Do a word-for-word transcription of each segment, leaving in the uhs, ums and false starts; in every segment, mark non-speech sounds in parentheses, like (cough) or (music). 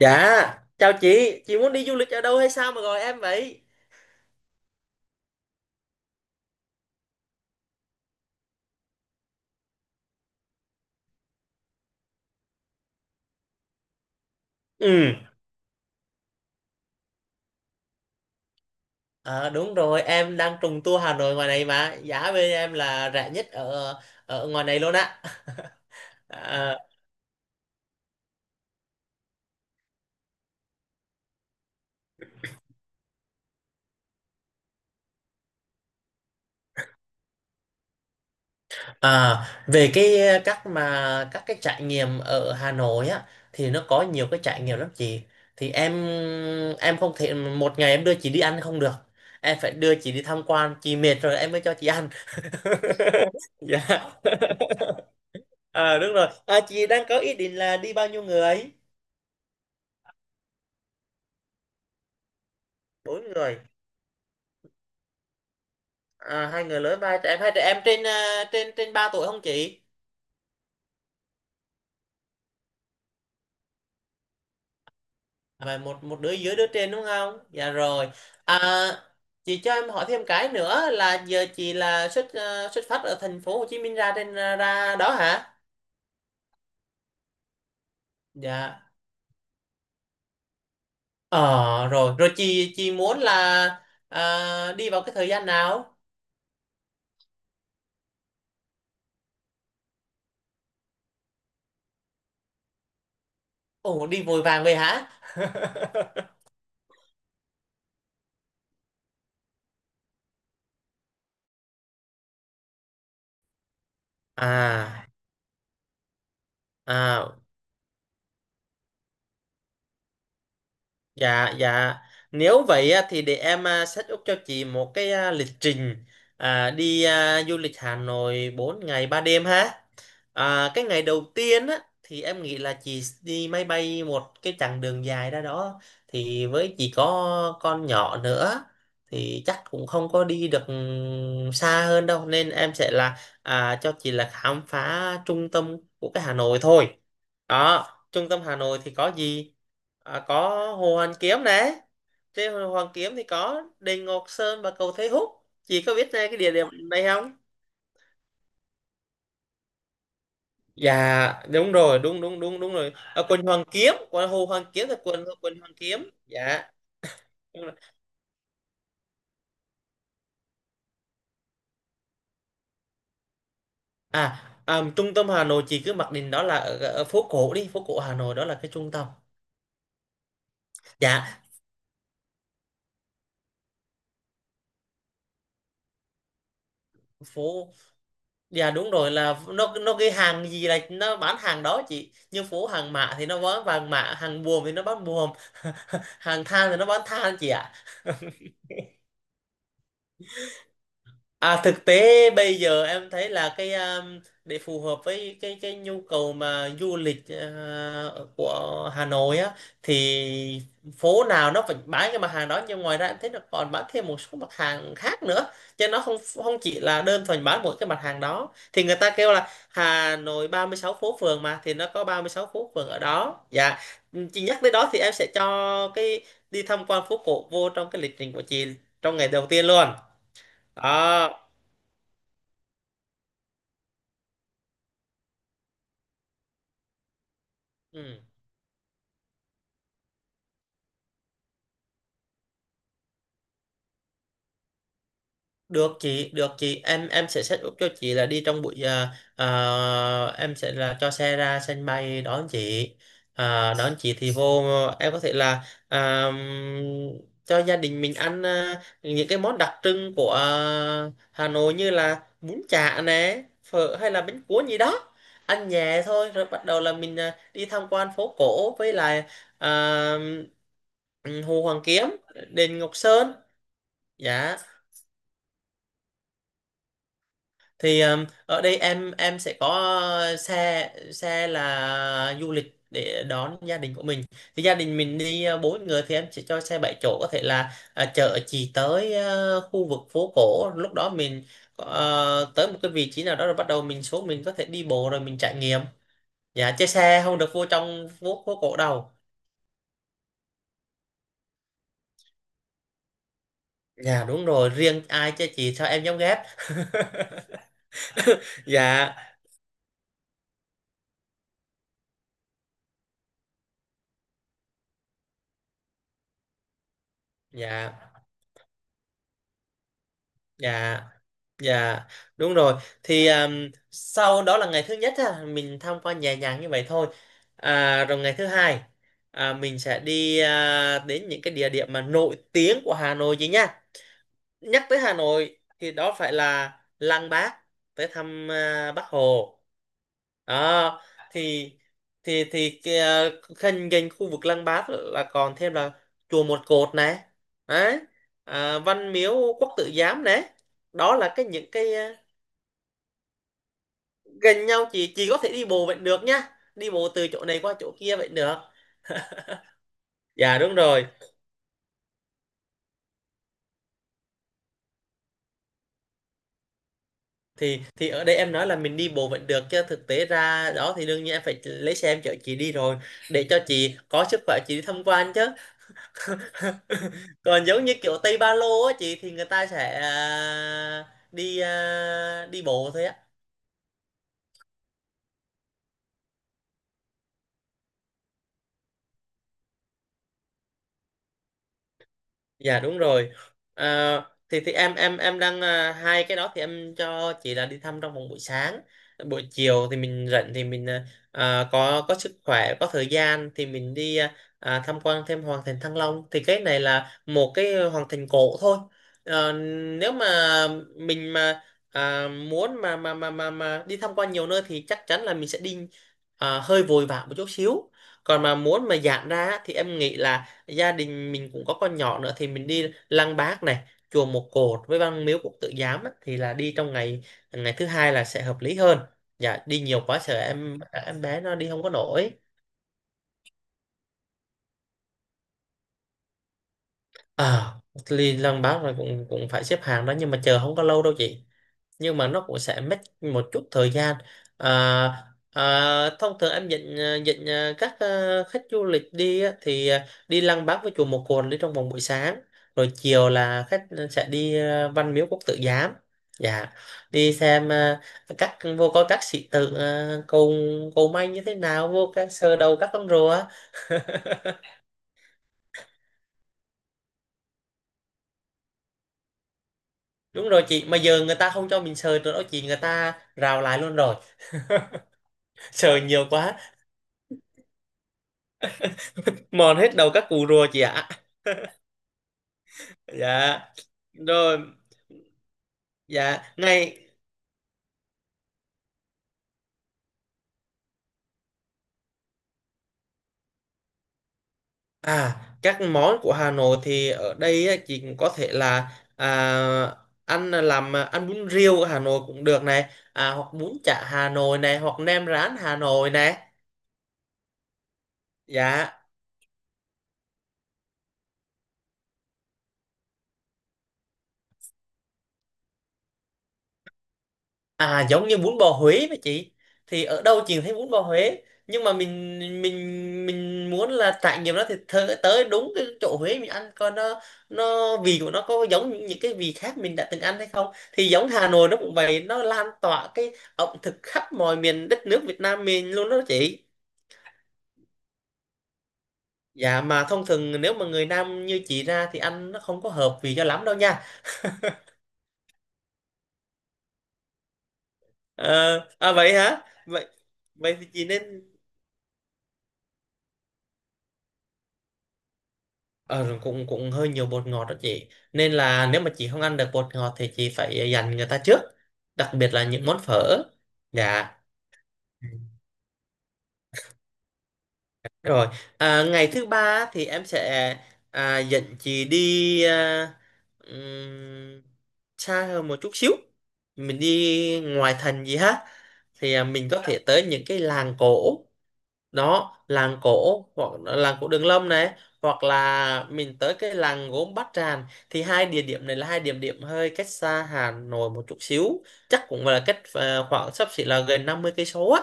Dạ, chào chị, chị muốn đi du lịch ở đâu hay sao mà gọi em vậy? Ừ, à, đúng rồi, em đang trùng tour Hà Nội ngoài này mà, giá bên em là rẻ nhất ở ở ngoài này luôn á. (laughs) À, à, về cái các mà các cái trải nghiệm ở Hà Nội á thì nó có nhiều cái trải nghiệm lắm chị. Thì em em không thể một ngày em đưa chị đi ăn không được. Em phải đưa chị đi tham quan, chị mệt rồi em mới cho chị ăn. (laughs) Dạ. à đúng rồi, à, chị đang có ý định là đi bao nhiêu người? Bốn người. À, hai người lớn, ba trẻ em hai trẻ em, trên à, trên trên ba tuổi không chị? Và một một đứa dưới, đứa trên đúng không? Dạ, rồi. à, chị cho em hỏi thêm cái nữa là giờ chị là xuất à, xuất phát ở thành phố Hồ Chí Minh ra trên à, ra đó hả? Dạ. ờ rồi rồi, chị chị muốn là à, đi vào cái thời gian nào? Ồ, đi vội vàng về hả? (laughs) à à Dạ, dạ. Nếu vậy á, thì để em à, set up cho chị một cái à, lịch trình à, đi à, du lịch Hà Nội bốn ngày ba đêm ha. À, cái ngày đầu tiên á, thì em nghĩ là chị đi máy bay một cái chặng đường dài ra đó. Thì với chị có con nhỏ nữa thì chắc cũng không có đi được ừ, xa hơn đâu. Nên em sẽ là à, cho chị là khám phá trung tâm của cái Hà Nội thôi. Đó, trung tâm Hà Nội thì có gì? À, có Hồ Hoàn Kiếm nè. Trên Hồ Hoàn Kiếm thì có đền Ngọc Sơn và cầu Thầy Húc. Chị có biết này cái địa điểm này không? Dạ, đúng rồi, đúng, đúng, đúng, đúng rồi. Ở quận Hoàn Kiếm, quận Hồ Hoàn Kiếm là quận quận Hoàn Kiếm. Dạ. Đúng rồi. À, à, trung tâm Hà Nội chị cứ mặc định đó là ở, ở phố cổ đi, phố cổ Hà Nội đó là cái trung tâm. Dạ, phố dạ đúng rồi, là nó nó cái hàng gì là nó bán hàng đó chị, như phố Hàng Mã thì nó bán vàng mã, Hàng Buồm thì nó bán buồm, (laughs) Hàng Than thì nó bán than chị ạ. (laughs) À, thực tế bây giờ em thấy là cái um, để phù hợp với cái cái nhu cầu mà du lịch uh, của Hà Nội á, thì phố nào nó vẫn bán cái mặt hàng đó, nhưng ngoài ra em thấy nó còn bán thêm một số mặt hàng khác nữa, chứ nó không không chỉ là đơn thuần bán một cái mặt hàng đó. Thì người ta kêu là Hà Nội ba mươi sáu phố phường mà, thì nó có ba mươi sáu phố phường ở đó. Dạ, chị nhắc tới đó thì em sẽ cho cái đi tham quan phố cổ vô trong cái lịch trình của chị trong ngày đầu tiên luôn đó. Ừ. Được chị, được chị, em em sẽ set up cho chị là đi trong buổi à, à, em sẽ là cho xe ra sân bay đón chị. À, đón chị thì vô em có thể là à, cho gia đình mình ăn à, những cái món đặc trưng của à, Hà Nội như là bún chả nè, phở hay là bánh cuốn gì đó. Ăn nhẹ thôi rồi bắt đầu là mình à, đi tham quan phố cổ với lại à, ừ, Hồ Hoàn Kiếm, đền Ngọc Sơn. Dạ. Thì um, ở đây em em sẽ có uh, xe xe là du lịch để đón gia đình của mình. Thì gia đình mình đi uh, bốn người thì em sẽ cho xe bảy chỗ, có thể là à, chở chị tới uh, khu vực phố cổ. Lúc đó mình ờ, tới một cái vị trí nào đó rồi bắt đầu mình xuống, mình có thể đi bộ rồi mình trải nghiệm. Dạ, chơi xe không được vô trong phố phố cổ đâu. Dạ, đúng rồi, riêng ai chơi chị sao em dám ghét. (laughs) Dạ, dạ, dạ. Dạ, đúng rồi. Thì um, sau đó là ngày thứ nhất á, mình tham quan nhẹ nhàng như vậy thôi. À, rồi ngày thứ hai à, mình sẽ đi à, đến những cái địa điểm mà nổi tiếng của Hà Nội chứ nha. Nhắc tới Hà Nội thì đó phải là Lăng Bác, tới thăm à, Bác Hồ. Đó, thì thì thì cái, uh, gần gần khu vực Lăng Bác là còn thêm là chùa Một Cột này. Đấy. À, Văn Miếu Quốc Tử Giám này. Đó là cái những cái à, gần nhau, chị chị có thể đi bộ vẫn được nhá, đi bộ từ chỗ này qua chỗ kia vẫn được. Dạ, đúng rồi. thì thì ở đây em nói là mình đi bộ vẫn được, chứ thực tế ra đó thì đương nhiên em phải lấy xe em chở chị đi rồi, để cho chị có sức khỏe chị đi tham quan chứ. (laughs) Còn giống như kiểu Tây Ba Lô á chị, thì người ta sẽ à, đi à, đi bộ thôi á. Dạ, đúng rồi. À, thì thì em em em đang à, hai cái đó thì em cho chị là đi thăm trong vòng buổi sáng. Buổi chiều thì mình rảnh thì mình à, à, có có sức khỏe có thời gian thì mình đi à, à, tham quan thêm hoàng thành Thăng Long, thì cái này là một cái hoàng thành cổ thôi. Ờ, Nếu mà mình mà à, muốn mà mà mà mà mà đi tham quan nhiều nơi thì chắc chắn là mình sẽ đi à, hơi vội vã một chút xíu. Còn mà muốn mà giảm ra á, thì em nghĩ là gia đình mình cũng có con nhỏ nữa thì mình đi Lăng Bác này, chùa Một Cột với Văn Miếu Quốc Tử Giám á, thì là đi trong ngày, ngày thứ hai là sẽ hợp lý hơn. Dạ, đi nhiều quá sợ em em bé nó đi không có nổi. à, Đi Lăng Bác rồi cũng cũng phải xếp hàng đó, nhưng mà chờ không có lâu đâu chị, nhưng mà nó cũng sẽ mất một chút thời gian. à, à, Thông thường em dẫn ờ, dẫn ờ, các ờ, khách du lịch đi á, thì ờ, đi Lăng Bác với chùa Một Cồn đi trong vòng buổi sáng, rồi chiều là khách sẽ đi ờ, Văn Miếu Quốc Tử Giám. Dạ. Đi xem ờ, các vô coi các sĩ tử ờ, cầu cầu may như thế nào, vô các sờ đầu các con rùa. Đúng rồi chị, mà giờ người ta không cho mình sờ nữa đó chị, người ta rào lại luôn rồi. (laughs) Sờ nhiều quá mòn hết đầu các cụ rùa chị ạ. Dạ, rồi. Dạ, ngay. À, các món của Hà Nội thì ở đây á, chị cũng có thể là à, ăn làm à, ăn bún riêu ở Hà Nội cũng được này, à, hoặc bún chả Hà Nội này, hoặc nem rán Hà Nội này. Dạ. À, giống như bún bò Huế vậy chị, thì ở đâu chị cũng thấy bún bò Huế, nhưng mà mình mình mình muốn là trải nghiệm nó thì thơ- tới đúng cái chỗ Huế mình ăn coi nó nó, vị của nó có giống những, những cái vị khác mình đã từng ăn hay không. Thì giống Hà Nội nó cũng vậy, nó lan tỏa cái ẩm thực khắp mọi miền đất nước Việt Nam mình luôn đó chị. Dạ mà thông thường nếu mà người Nam như chị ra thì ăn nó không có hợp vị cho lắm đâu nha. Ờ, à vậy hả, vậy vậy thì chị nên. Ờ, cũng cũng hơi nhiều bột ngọt đó chị, nên là nếu mà chị không ăn được bột ngọt thì chị phải dành người ta trước, đặc biệt là những món phở. Dạ, rồi. À, ngày thứ ba á, thì em sẽ à, dẫn chị đi à, ừm, xa hơn một chút xíu, mình đi ngoài thành gì ha. Thì à, mình có thể tới những cái làng cổ, đó làng cổ hoặc là làng cổ Đường Lâm này, hoặc là mình tới cái làng gốm Bát Tràng. Thì hai địa điểm này là hai địa điểm hơi cách xa Hà Nội một chút xíu, chắc cũng là cách ờ, khoảng xấp xỉ là gần năm mươi cây số á.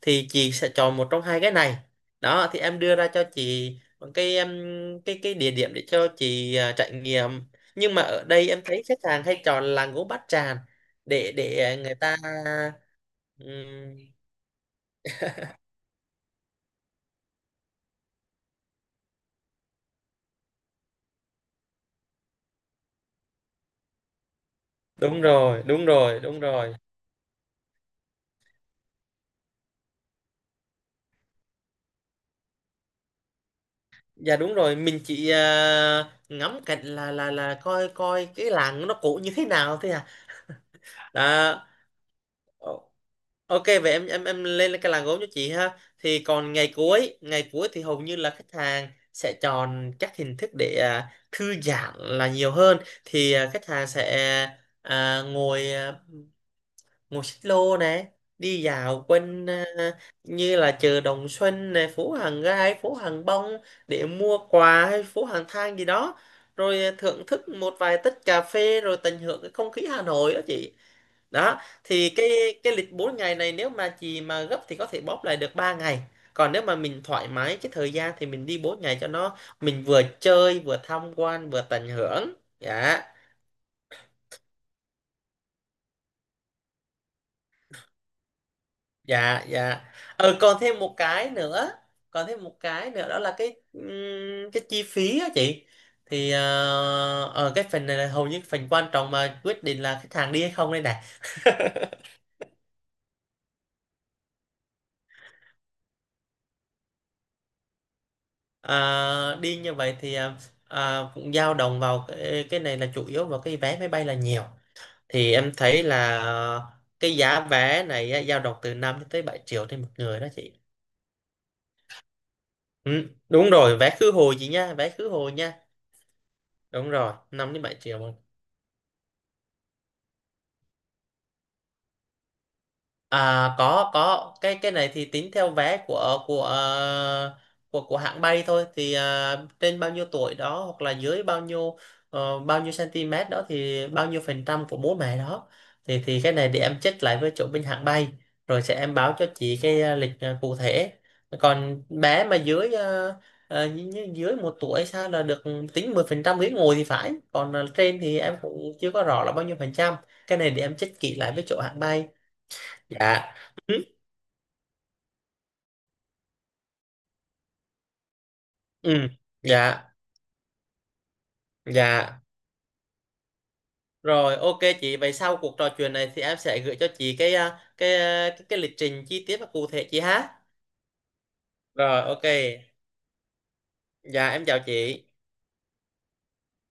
Thì chị sẽ chọn một trong hai cái này. Đó thì em đưa ra cho chị một cái em, cái cái địa điểm để cho chị ờ, trải nghiệm, nhưng mà ở đây em thấy khách hàng hay chọn làng gốm Bát Tràng để để ờ, người ta. Ừm, đúng rồi, đúng rồi, đúng rồi. Dạ, đúng rồi, mình chỉ ờ, ngắm cảnh, là là là coi coi cái làng nó cổ như thế nào thế à. Đó. Ồ, ok, vậy em em em lên cái làng gốm cho chị ha. Thì còn ngày cuối, ngày cuối thì hầu như là khách hàng sẽ chọn các hình thức để à, thư giãn là nhiều hơn. Thì à, khách hàng sẽ à, ngồi à, ngồi xích lô nè, đi dạo quanh à, như là chợ Đồng Xuân nè, phố Hàng Gai, phố Hàng Bông để mua quà, hay phố Hàng Than gì đó, rồi à, thưởng thức một vài tách cà phê rồi tận hưởng cái không khí Hà Nội đó chị. Đó thì cái cái lịch bốn ngày này nếu mà chị mà gấp thì có thể bóp lại được ba ngày, còn nếu mà mình thoải mái cái thời gian thì mình đi bốn ngày cho nó mình vừa chơi vừa tham quan vừa tận hưởng. Dạ, dạ, dạ. Ờ, còn thêm một cái nữa, còn thêm một cái nữa đó là cái ừm, cái chi phí á chị. Thì ờ, ở cái phần này là hầu như phần quan trọng mà quyết định là khách hàng đi hay không đây này. Ờ, đi như vậy thì ờ, ờ, cũng dao động vào cái, cái này là chủ yếu vào cái vé máy bay là nhiều. Thì em thấy là ờ, cái giá vé này á, dao động từ năm cho tới bảy triệu trên một người đó chị. Ừ, đúng rồi vé khứ hồi chị nha, vé khứ hồi nha. Đúng rồi, năm đến bảy triệu. À, có, có cái cái này thì tính theo vé của của ờ, của của hãng bay thôi, thì ờ, trên bao nhiêu tuổi đó hoặc là dưới bao nhiêu ờ, bao nhiêu xăng ti mét đó thì bao nhiêu phần trăm của bố mẹ đó. thì thì cái này để em check lại với chỗ bên hãng bay, rồi sẽ em báo cho chị cái ờ, lịch ờ, cụ thể. Còn bé mà dưới ờ, ờ, như- như dưới một tuổi sao là được, tính mười phần trăm ghế ngồi thì phải, còn ờ, trên thì em cũng chưa có rõ là bao nhiêu phần trăm. Cái này để em check kỹ lại với chỗ hãng bay. Dạ, ừ, ừ, dạ, dạ. Rồi ok chị, vậy sau cuộc trò chuyện này thì em sẽ gửi cho chị cái à, cái à, cái, cái lịch trình chi tiết và cụ thể chị ha. Rồi ok. Dạ, em chào chị.